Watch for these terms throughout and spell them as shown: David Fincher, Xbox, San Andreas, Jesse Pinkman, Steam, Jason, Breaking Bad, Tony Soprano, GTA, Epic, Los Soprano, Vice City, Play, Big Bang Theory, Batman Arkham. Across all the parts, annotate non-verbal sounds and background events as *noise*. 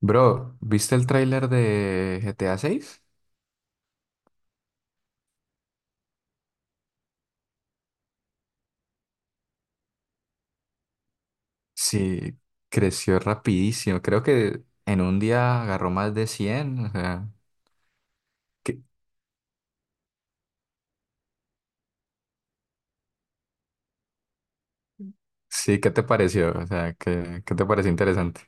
Bro, ¿viste el tráiler de GTA seis? Sí, creció rapidísimo. Creo que en un día agarró más de cien. O sea, ¿qué- sí, ¿qué te pareció? O sea, ¿qué te pareció interesante?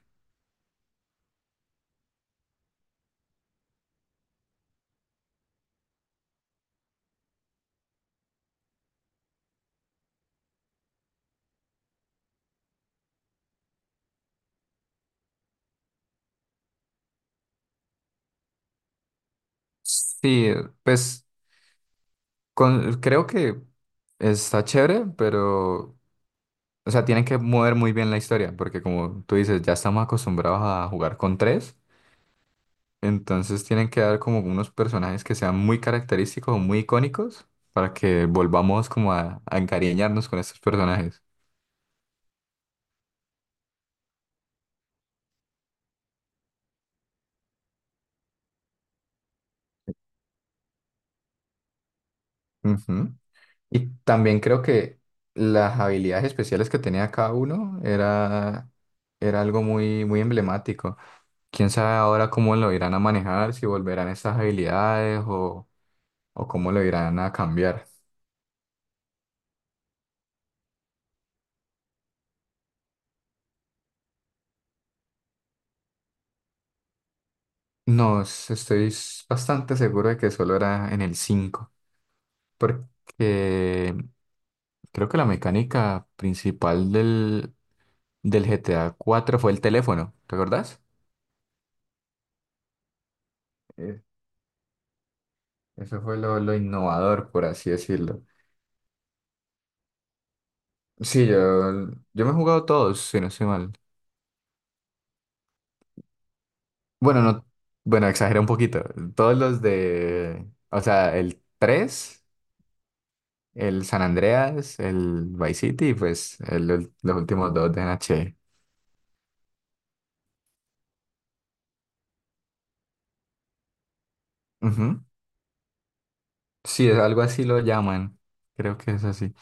Sí, pues con- creo que está chévere, pero, o sea, tienen que mover muy bien la historia, porque como tú dices, ya estamos acostumbrados a jugar con tres. Entonces tienen que dar como unos personajes que sean muy característicos o muy icónicos para que volvamos como a encariñarnos con estos personajes. Ujú. Y también creo que las habilidades especiales que tenía cada uno era algo muy, muy emblemático. Quién sabe ahora cómo lo irán a manejar, si volverán estas habilidades o cómo lo irán a cambiar. No, s- estoy s- bastante seguro de que solo era en el cinco. Porque creo que la mecánica principal del GTA cuatro fue el teléfono, ¿te acordás? Eh, Eso fue lo innovador, por así decirlo. Sí, yo me he jugado todos, si no estoy mal. Bueno, no, bueno, exageré un poquito. Todos los de, o sea, el tres, el San Andreas, el Vice City y pues el- los últimos dos de NH. Ujú. Sí, es algo así lo llaman. Creo que es así.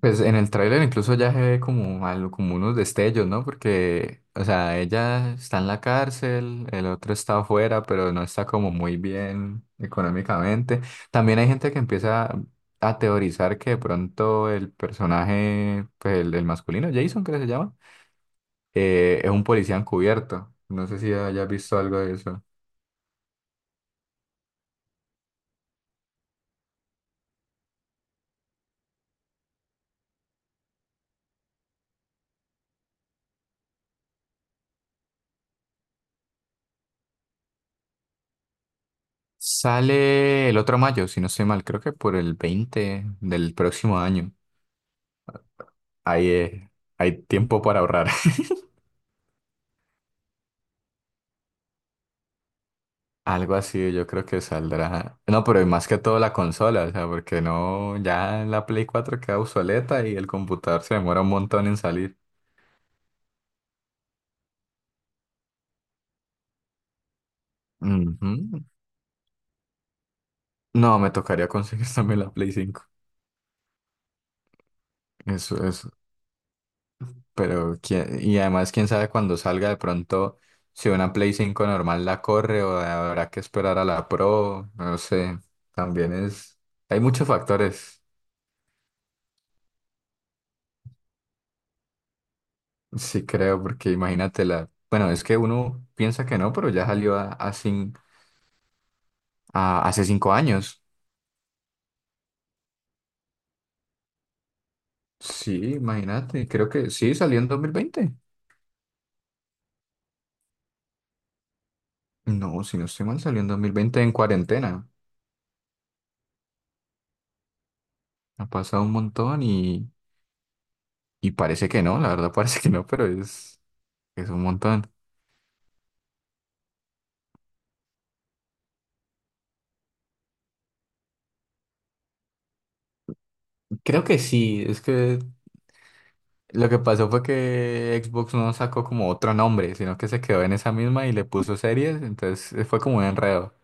Pues en el tráiler incluso ya se ve como algo, como unos destellos, ¿no? Porque, o sea, ella está en la cárcel, el otro está afuera, pero no está como muy bien económicamente. También hay gente que empieza a teorizar que de pronto el personaje, pues el masculino, Jason, creo que se llama, es un policía encubierto. No sé si hayas visto algo de eso. Sale el otro mayo, si no estoy mal, creo que por el 20 del próximo año. Ahí, hay tiempo para ahorrar. Algo así, yo creo que saldrá. No, pero y más que todo la consola, o sea, porque no, ya la Play cuatro queda obsoleta y el computador se demora un montón en salir. Ujú. No, me tocaría conseguir *laughs* también la Play cinco. Eso es. Pero, quién- y además, quién sabe cuando salga de pronto, si una Play cinco normal la corre o habrá que esperar a la Pro, no sé. También es. Hay muchos factores. Sí, creo, porque imagínate la. Bueno, es que uno piensa que no, pero ya salió ah, hace cinco años. Sí, imagínate. Creo que sí, salió en 2020. No, si no estoy mal, salió en 2020 en cuarentena. Ha pasado un montón y parece que no, la verdad *laughs* parece que no, pero es un montón. Creo que sí, es que lo que pasó fue que Xbox no sacó como otro nombre, sino que se quedó en esa misma y le puso series, entonces fue como un enredo.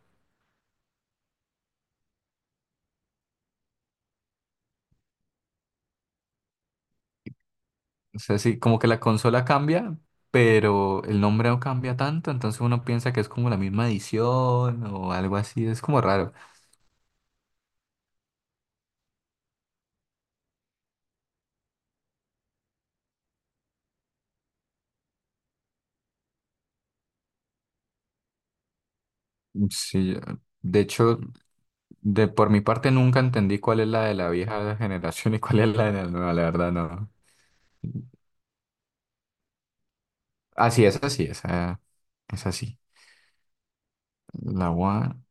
O sea, sí, como que la consola cambia, pero el nombre no cambia tanto, entonces uno piensa que es como la misma edición o algo así, es como raro. Sí, de hecho, de por mi parte nunca entendí cuál es la de la vieja *laughs* generación y cuál es la de la nueva, la verdad no. Así es así. La One,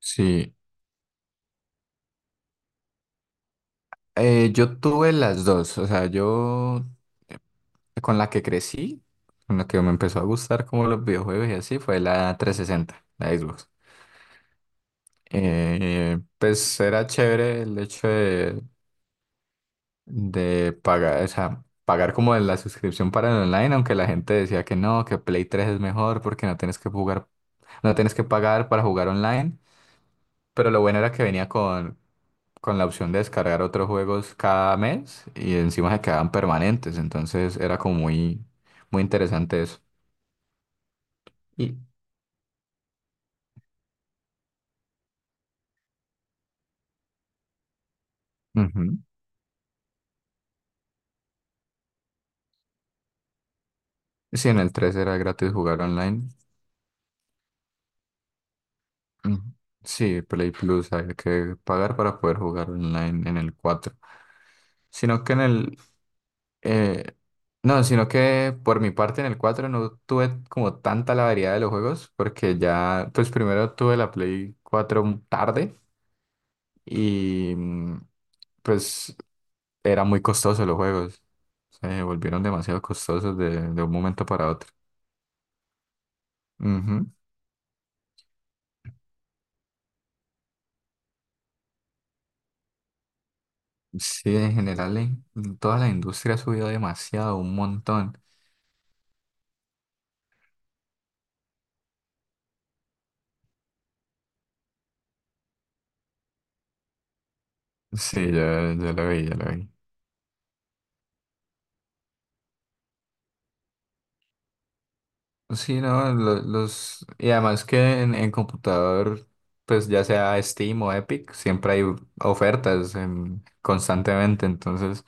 sí. Yo tuve las dos, o sea, yo con la que crecí, con la que me empezó a gustar como los videojuegos y así, fue la trescientos sesenta, la Xbox. Pues era chévere el hecho de pagar, o sea, pagar como la suscripción para el online, aunque la gente decía que no, que Play tres es mejor porque no tienes que jugar, no tienes que pagar para jugar online. Pero lo bueno era que venía con la opción de descargar otros juegos cada mes y encima se quedaban permanentes. Entonces era como muy, muy interesante eso. Y ujú. Sí, en el 3 era gratis jugar online. Mm, Sí, Play Plus hay que pagar para poder jugar online en el 4, sino que en el... eh, no, sino que por mi parte en el 4 no tuve como tanta la variedad de los juegos porque ya, pues primero tuve la Play cuatro tarde y pues era muy costoso los juegos. Se volvieron demasiado costosos de un momento para otro. Ujú. Sí, en general en toda la industria ha subido demasiado, un montón. Sí, ya la vi, ya la vi. Sí, no, lo- los... Y además que en computador, pues ya sea Steam o Epic, siempre hay ofertas en- constantemente, entonces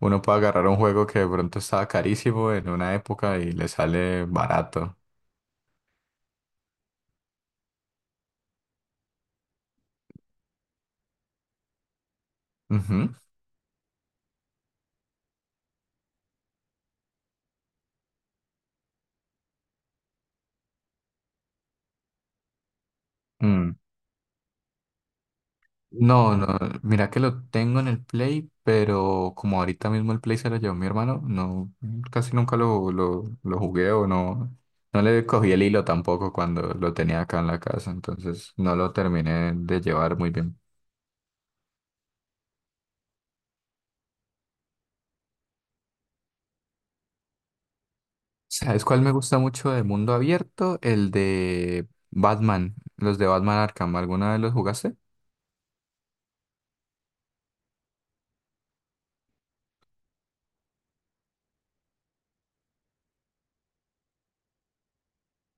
uno puede agarrar un juego que de pronto estaba carísimo en una época y le sale barato. Ujú. Mm. No, no, mira que lo tengo en el Play, pero como ahorita mismo el Play se lo llevó mi hermano, no, casi nunca lo jugué o no, no le cogí el hilo tampoco cuando lo tenía acá en la casa, entonces no lo terminé de llevar muy bien. ¿Sabes cuál me gusta mucho de mundo abierto? El de Batman, los de Batman Arkham, ¿alguna vez los jugaste?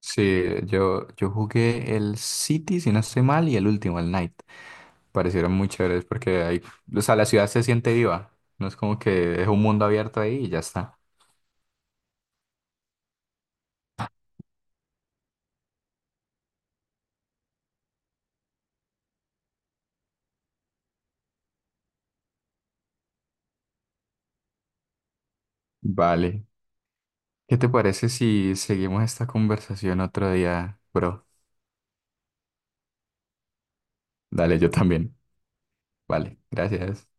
Sí, yo jugué el City, si no estoy mal, y el último, el Night. Parecieron muy chéveres porque ahí, o sea, la ciudad se siente viva. No es como que es un mundo abierto ahí y ya está. Vale. ¿Qué te parece si seguimos esta conversación otro día, bro? Dale, yo también. Vale, gracias.